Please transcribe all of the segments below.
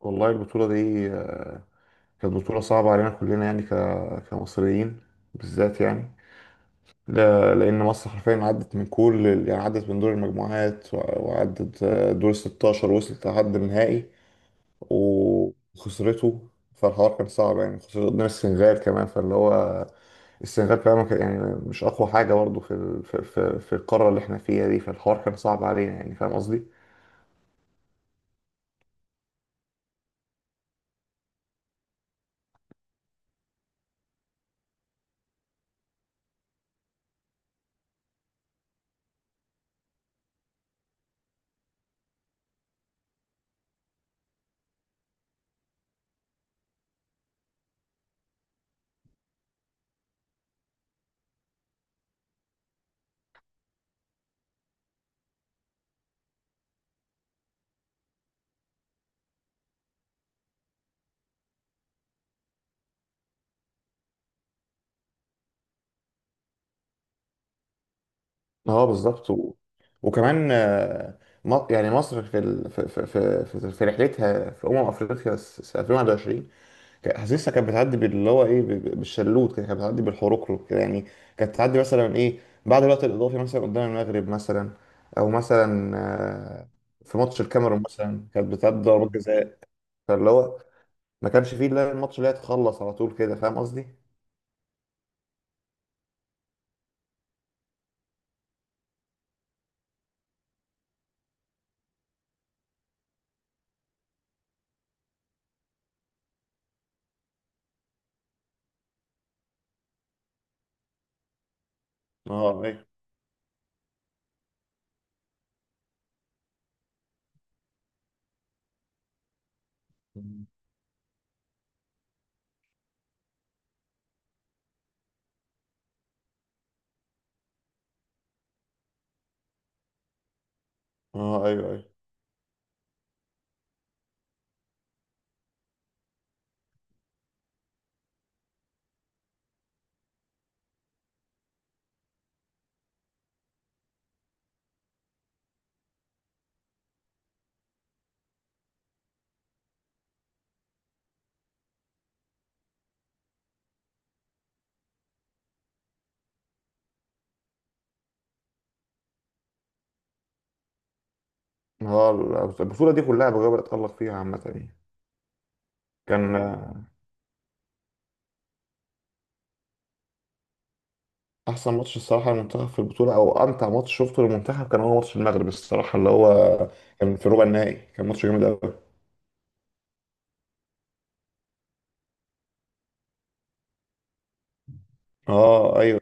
والله البطولة دي كانت بطولة صعبة علينا كلنا يعني كمصريين بالذات يعني لأن مصر حرفيا عدت من كل يعني عدت من دور المجموعات وعدت دور 16، وصلت لحد النهائي وخسرته. فالحوار كان صعب يعني خسرت قدام السنغال كمان، فاللي هو السنغال كمان ما كان- يعني مش أقوى حاجة برضه في في القارة اللي احنا فيها دي، فالحوار كان صعب علينا يعني. فاهم قصدي؟ اه بالظبط وكمان يعني مصر في في رحلتها في افريقيا سنه 2021، حاسسها كانت بتعدي باللي هو ايه بالشلوت كده، كانت بتعدي بالحروكرو كده يعني. كانت بتعدي مثلا ايه بعد الوقت الاضافي مثلا قدام المغرب مثلا، او مثلا في ماتش الكاميرون مثلا كانت بتعدي ضربات جزاء، فاللي هو ما كانش فيه الا الماتش اللي هي تخلص على طول كده. فاهم قصدي؟ اه ايوه. اه ايوه ايوه. هو البطوله دي كلها بجد بتألق فيها عامه يعني. كان احسن ماتش الصراحه للمنتخب في البطوله او امتع ماتش شفته للمنتخب كان هو ماتش المغرب الصراحه، اللي هو كان في ربع النهائي. كان ماتش جامد قوي. اه ايوه.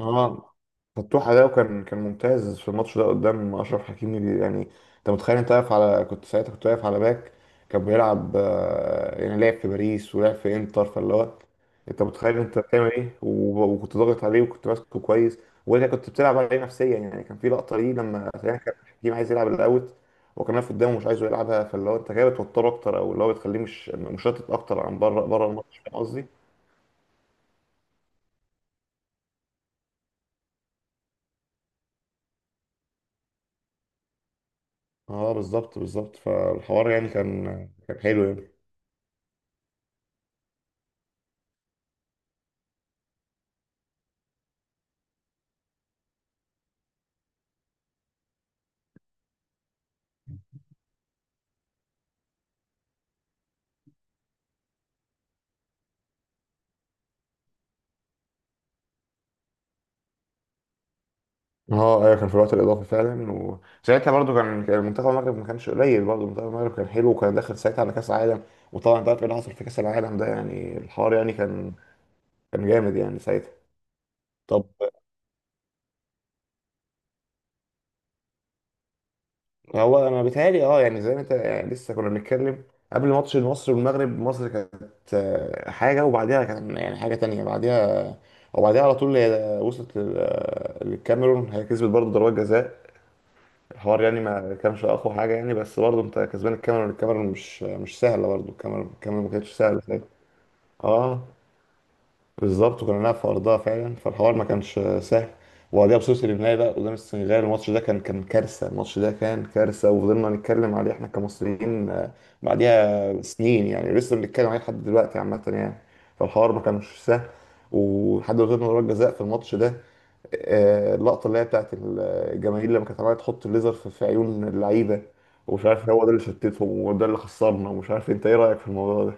اه فتوح ده كان ممتاز في الماتش ده قدام اشرف حكيمي يعني. انت متخيل؟ انت واقف على، كنت ساعتها كنت واقف على باك كان بيلعب يعني لعب في باريس ولعب في انتر، فاللي هو انت متخيل انت بتعمل ايه؟ وكنت ضاغط عليه وكنت ماسكه كويس. وانت كنت بتلعب عليه نفسيا يعني، كان في لقطه ليه لما تقريباً كان حكيمي عايز يلعب الاوت وكان واقف قدامه ومش عايزه يلعبها، فاللي هو انت كده بتوتره اكتر او اللي هو بتخليه مش مشتت اكتر عن بره الماتش. فاهم قصدي؟ اه بالظبط بالظبط، فالحوار يعني كان حلو يعني. اه ايوه، كان في الوقت الاضافي فعلا. وساعتها برضو كان منتخب المغرب ما كانش قليل، برضو منتخب المغرب كان حلو وكان داخل ساعتها على كاس العالم. وطبعا انت عارف ايه اللي حصل في كاس العالم ده يعني، الحوار يعني كان كان جامد يعني ساعتها. طب هو انا بيتهيألي اه يعني زي ما انت يعني لسه كنا بنتكلم، قبل ماتش مصر والمغرب مصر كانت حاجه وبعديها كان يعني حاجه تانية بعديها. وبعديها على طول هي وصلت للكاميرون، هي كسبت برضو ضربات جزاء. الحوار يعني ما كانش اقوى حاجه يعني، بس برضه انت كسبان الكاميرا والكاميرا مش سهله، برضه الكاميرا الكاميرا ما كانتش سهله. اه بالظبط، وكنا بنلعب في ارضها فعلا، فالحوار ما كانش سهل. وبعديها بصوص النهائي بقى قدام السنغال، الماتش ده كان كارثه، الماتش ده كان كارثه. وفضلنا نتكلم عليه احنا كمصريين بعديها سنين يعني، لسه بنتكلم عليه لحد دلوقتي عامه يعني. فالحوار ما كانش سهل، ولحد ما غيرنا ضربات جزاء في الماتش ده. اللقطه اللي هي بتاعت الجماهير لما كانت عماله تحط الليزر في عيون اللعيبه، ومش عارف هو ده اللي شتتهم وده اللي خسرنا، ومش عارف انت ايه رايك في الموضوع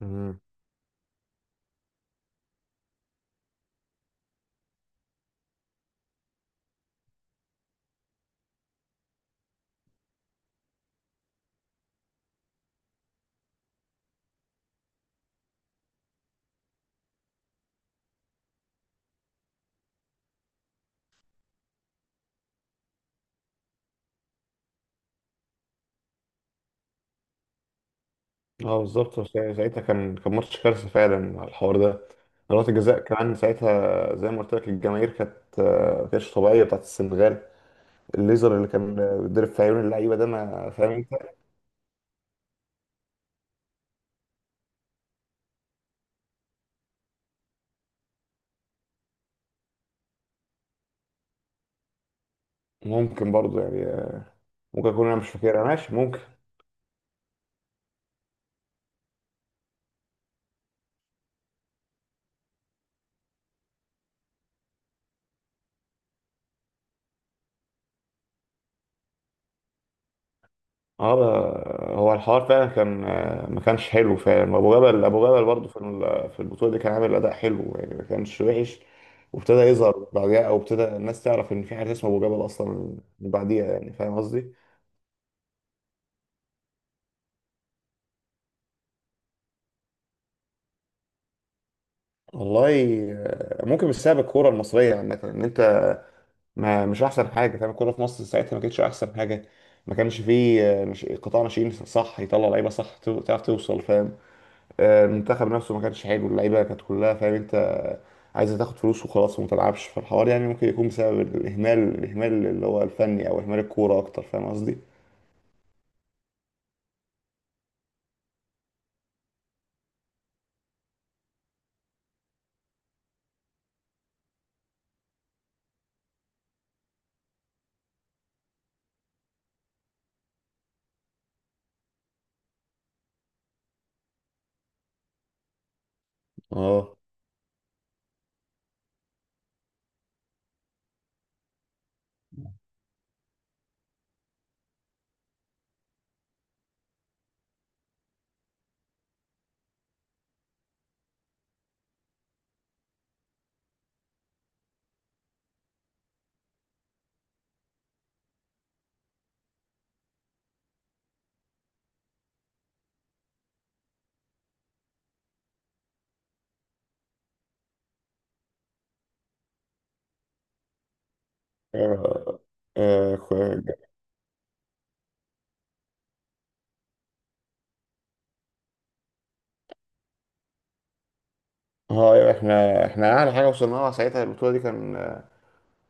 ده. اه بالظبط، ساعتها كان ماتش كارثه فعلا على الحوار ده. ضربات الجزاء كمان ساعتها زي ما قلت لك، الجماهير كانت ما كانتش طبيعيه بتاعت السنغال. الليزر اللي كان بيتضرب في عيون اللعيبه ده، ما فاهم انت؟ ممكن برضه يعني، ممكن اكون انا مش فاكرها، ماشي ممكن. اه هو الحوار فعلا كان ما كانش حلو فعلا. ابو جبل ابو جبل برضه في في البطوله دي كان عامل اداء حلو يعني، ما كانش وحش. وابتدى يظهر بعديها او ابتدى الناس تعرف ان في حاجه اسمها ابو جبل اصلا من بعديها يعني. فاهم قصدي؟ والله ممكن مش سبب الكوره المصريه عامه ان انت ما مش احسن حاجه. فاهم؟ الكوره في مصر ساعتها ما كانتش احسن حاجه. ما كانش فيه مش قطاع ناشئين صح يطلع لعيبه صح تعرف توصل. فاهم؟ المنتخب نفسه ما كانش حلو، اللعيبه كانت كلها، فاهم انت، عايزه تاخد فلوس وخلاص وما تلعبش. فالحوار يعني ممكن يكون بسبب الاهمال، الاهمال اللي هو الفني او اهمال الكوره اكتر. فاهم قصدي؟ اه. اه. آه، احنا احنا اعلى حاجه وصلنا لها ساعتها البطوله دي، كان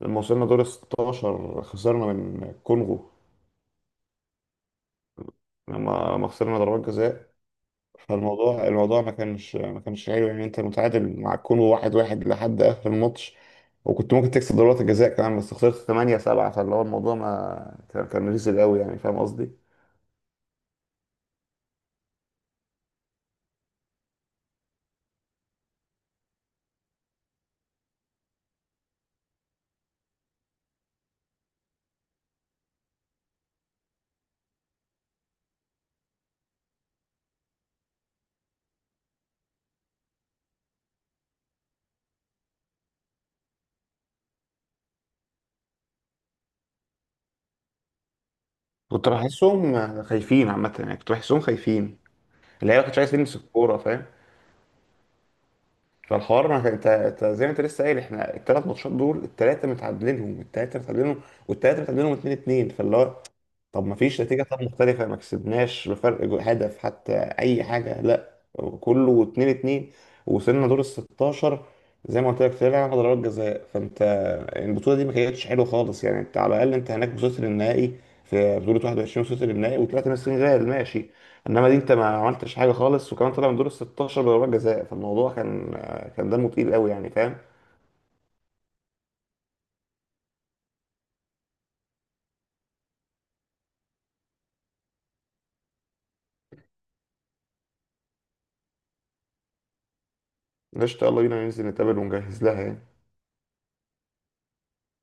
لما وصلنا دور 16 خسرنا من الكونغو. لما لما خسرنا ضربات جزاء، فالموضوع ما كانش ما كانش حلو يعني. انت متعادل مع الكونغو واحد واحد لحد اخر الماتش، وكنت ممكن تكسب ضربات الجزاء كمان، بس خسرت 8 7. فاللي هو الموضوع ما كان كان ريزل قوي يعني. فاهم قصدي؟ كنت بحسهم خايفين عامة يعني، كنت بحسهم خايفين. اللعيبة ما كانتش عايز تلمس الكورة. فاهم؟ فالحوار ما كان، انت انت زي ما انت لسه قايل، احنا الثلاث ماتشات دول الثلاثة متعادلينهم، الثلاثة متعادلينهم، والثلاثة متعادلينهم 2 2. فاللي هو طب ما فيش نتيجة طب مختلفة؟ ما كسبناش بفرق هدف حتى، أي حاجة، لا، كله اتنين اتنين. ووصلنا دور الستاشر، زي ما قلت لك طلعنا ضربات جزاء. فأنت البطولة دي ما كانتش حلوة خالص يعني. أنت على الأقل أنت هناك وصلت للنهائي، في بطولة 21 وصلت للنهائي وطلعت من السنغال، ماشي. إنما دي أنت ما عملتش حاجة خالص، وكمان طلع من دور الستاشر بضربات جزاء. فالموضوع كان كان دمه تقيل قوي يعني. فاهم؟ قشطة، يلا بينا ننزل نتقابل ونجهز لها يعني.